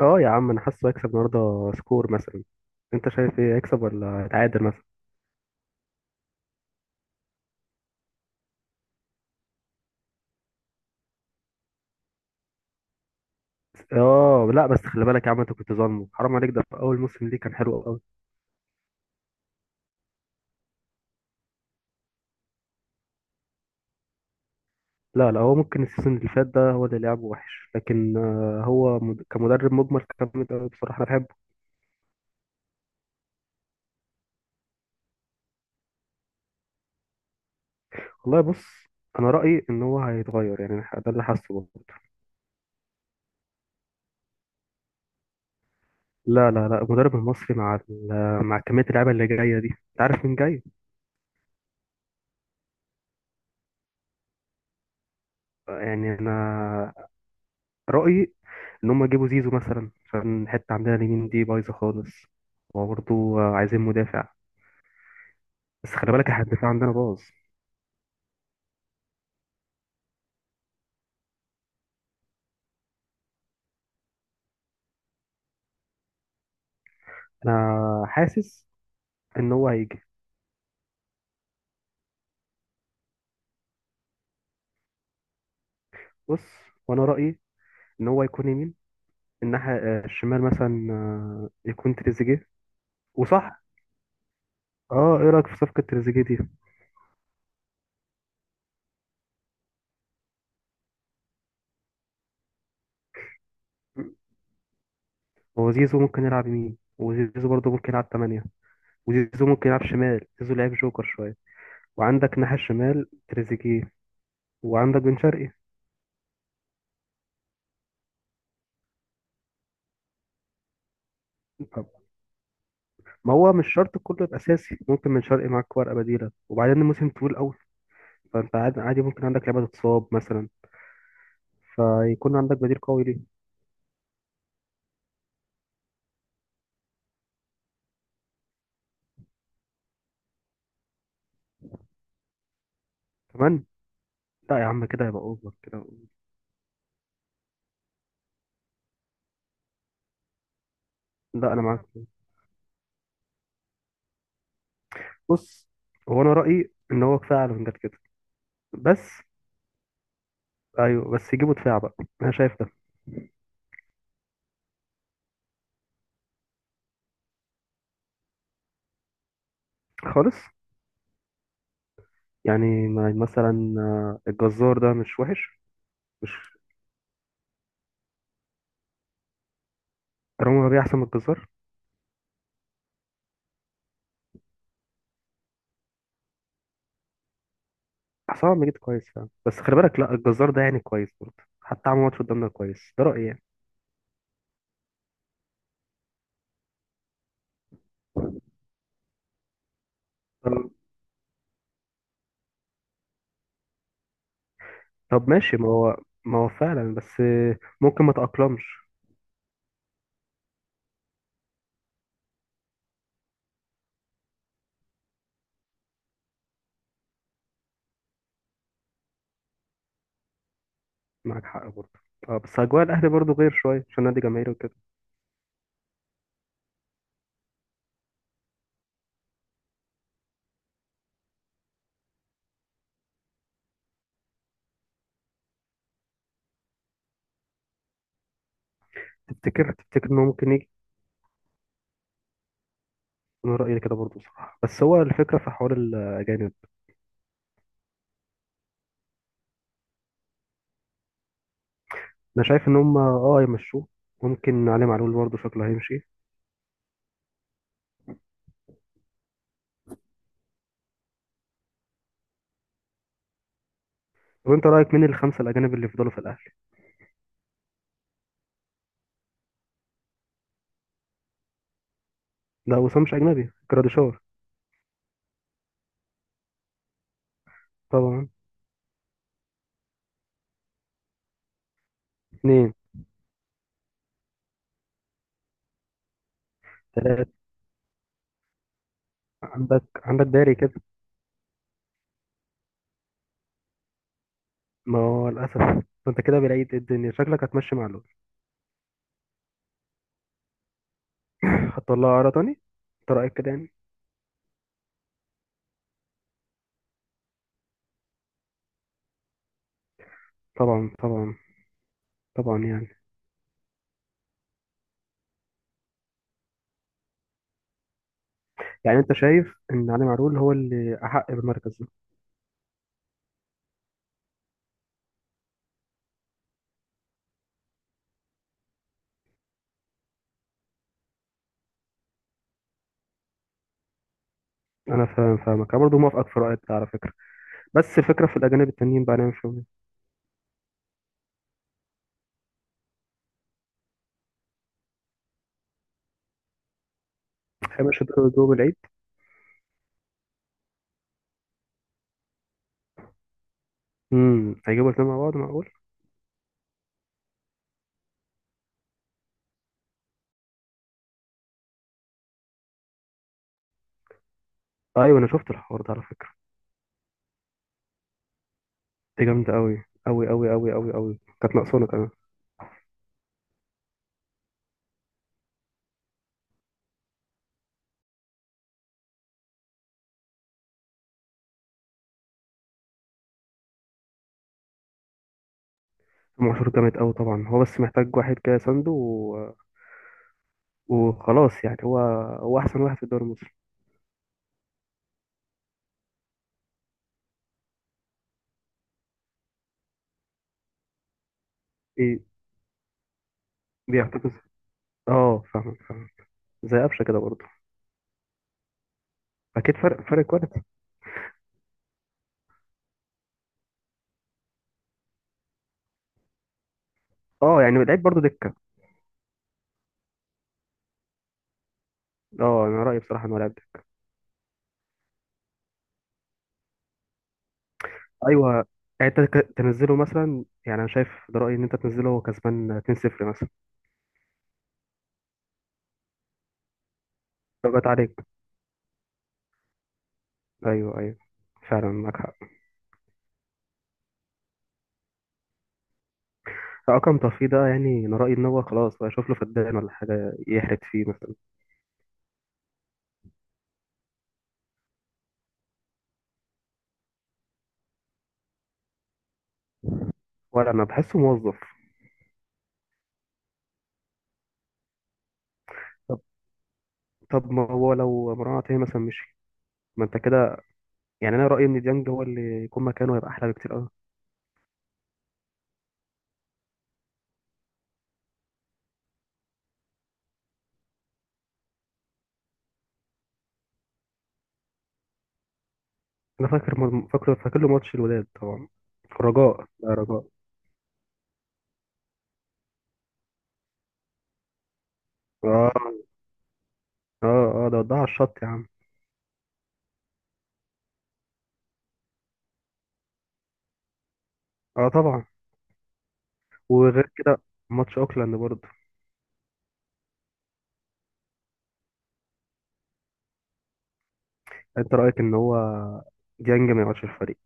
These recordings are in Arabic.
اه يا عم، انا حاسه هيكسب النهارده سكور مثلا. انت شايف ايه، هيكسب ولا هيتعادل مثلا؟ اه لا، بس خلي بالك يا عم، انت كنت ظالمه، حرام عليك، ده في اول موسم ليه كان حلو قوي. لا لا، هو ممكن السيزون اللي فات ده هو اللي لعبه وحش، لكن هو كمدرب مجمل كان جامد قوي بصراحه، انا بحبه. والله بص، انا رايي ان هو هيتغير، يعني ده اللي حاسه برضه. لا لا لا، المدرب المصري مع مع كميه اللعيبه اللي جايه دي، انت عارف مين جاي. يعني انا رأيي إن هم يجيبوا زيزو مثلا، عشان الحتة عندنا اليمين دي بايظة خالص، وبرضه عايزين مدافع، بس خلي بالك احنا الدفاع عندنا باظ. أنا حاسس إن هو هيجي. بص، وأنا رأيي إن هو يكون يمين الناحية، الشمال مثلا يكون تريزيجيه. وصح، اه ايه رأيك في صفقة تريزيجيه دي؟ هو زيزو ممكن يلعب يمين، وزيزو برضه ممكن يلعب تمانية، وزيزو ممكن يلعب شمال. زيزو لعيب جوكر شوية، وعندك ناحية الشمال تريزيجيه، وعندك بن شرقي. ما هو مش شرط كله يبقى اساسي، ممكن من شرقي معاك ورقه بديله، وبعدين الموسم طويل قوي، فانت عادي ممكن عندك لعبه تتصاب مثلا، فيكون عندك بديل قوي ليه. كمان لا يا عم، كده يبقى اوفر كده. لا انا معاك، بص، هو انا رايي ان هو كفايه على فنجان كده، بس ايوه بس يجيبوا دفاع بقى، انا شايف ده. خالص، يعني مثلا الجزار ده مش وحش. مش، رامي ربيعه احسن من الجزار. حسام عبد المجيد كويس فعلا، بس خلي بالك لا، الجزار ده يعني كويس برضه، حتى عمل ماتش قدامنا كويس، ده رايي. يعني طب ماشي، ما هو فعلا، بس ممكن ما تأقلمش. معاك حق برضه، اه بس أجواء الأهلي برضه غير شوية عشان نادي جماهيري وكده. تفتكر إنه ممكن يجي؟ أنا رأيي كده برضه صراحة، بس هو الفكرة في حوار الأجانب. أنا شايف إن هم اه يمشوه، ممكن علي معلول برضه شكله هيمشي. طب أنت رأيك مين الخمسة الأجانب اللي يفضلوا في الأهلي؟ لا وسام مش أجنبي، جراديشار طبعا، اتنين، تلاتة، عندك داري كده. ما هو للأسف، أنت كده بلاقي الدنيا شكلك هتمشي معلول، هتطلعه عرض تاني، أنت رأيك كده يعني؟ طبعا طبعا، طبعا يعني. يعني انت شايف ان علي معلول هو اللي احق بالمركز ده؟ انا فاهم، فاهمك، انا برضه موافقك في رايك ده على فكره، بس الفكره في الاجانب التانيين بقى نعمل فيهم ايه؟ هيبقى شدوا جوه بالعيد. هيجيبوا الاثنين مع بعض، معقول؟ ايوه، انا شفت الحوار ده على فكره. دي جامده قوي قوي قوي قوي قوي قوي، كانت ناقصانا كمان. امام عاشور جامد قوي طبعا، هو بس محتاج واحد كده سنده وخلاص، يعني هو احسن واحد في الدوري المصري. ايه بيحتفظ، اه فاهمك فاهمك، زي قفشه كده برضه. اكيد فرق فرق كواليتي. اه يعني لعيب برضه. اه انا رايي بصراحه انه لاعب. ايوه، يعني انت تنزله مثلا، يعني انا شايف ده رايي ان انت تنزله وهو كسبان 2-0 مثلا، لو جت عليك. ايوه ايوه، فعلا معاك حق. رقم طفي ده يعني انا رايي ان هو خلاص بقى، اشوف له فدان ولا حاجه يحرق فيه مثلا. ولا انا بحسه موظف. طب طب، ما هو لو مروان عطيه مثلا مشي، ما انت كده، يعني انا رايي ان ديانج هو اللي يكون مكانه هيبقى احلى بكتير قوي. انا فاكر م- فاكر فاكر له ماتش الوداد طبعا، الرجاء، لا رجاء. اه اه اه، ده ودها على الشط يا عم. اه طبعا. وغير كده ماتش اوكلاند برضه. انت رايك ان هو ديانج ما يقعدش في الفريق؟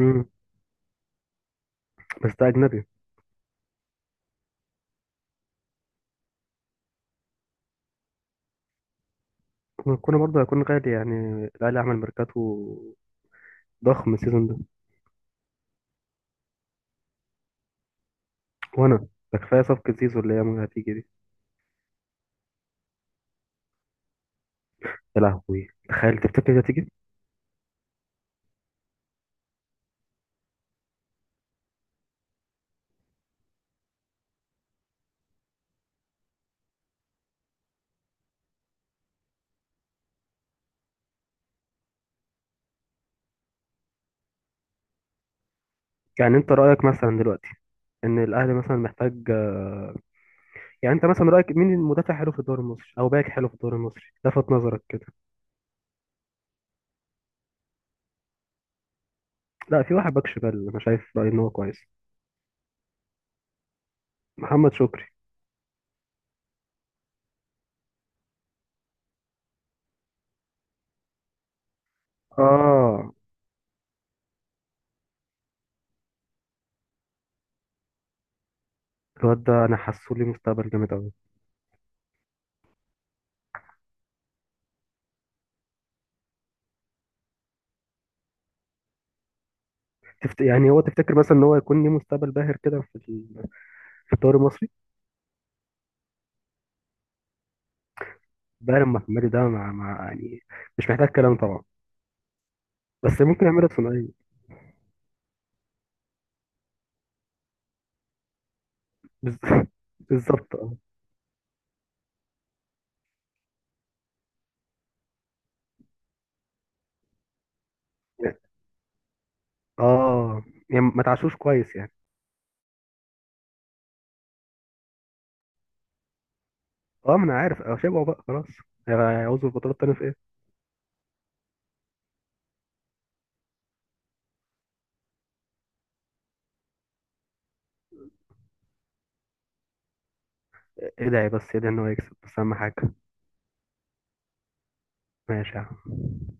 مم. بس ده اجنبي. كنا برضه هيكون غالي يعني، الاهلي عمل ميركاتو ضخم السيزون ده. وانا ده كفايه صفقه زيزو اللي هي هتيجي دي. يا لهوي تخيل، تفتكر دي هتيجي؟ يعني انت رايك مثلا دلوقتي ان الاهلي مثلا محتاج، يعني انت مثلا رايك مين المدافع حلو في الدوري المصري او باك حلو في الدوري المصري لفت نظرك كده؟ لا في واحد باك شمال انا شايف رايي ان هو كويس. محمد شكري. اه، الواد ده انا حاسه لي مستقبل جامد قوي. يعني هو تفتكر مثلا ان هو يكون ليه مستقبل باهر كده في في الدوري المصري؟ باهر محمدي ده مع يعني مش محتاج كلام طبعا. بس ممكن يعملها في ثنائيه. بز... بالظبط اه. اه يعني ما تعشوش كويس يعني. اه ما انا عارف، اه شبعوا بقى خلاص، هيعوزوا البطولات تاني في ايه. إيه، ادعي بس ادعي ان هو يكسب بس اهم حاجه. ماشي يا عم.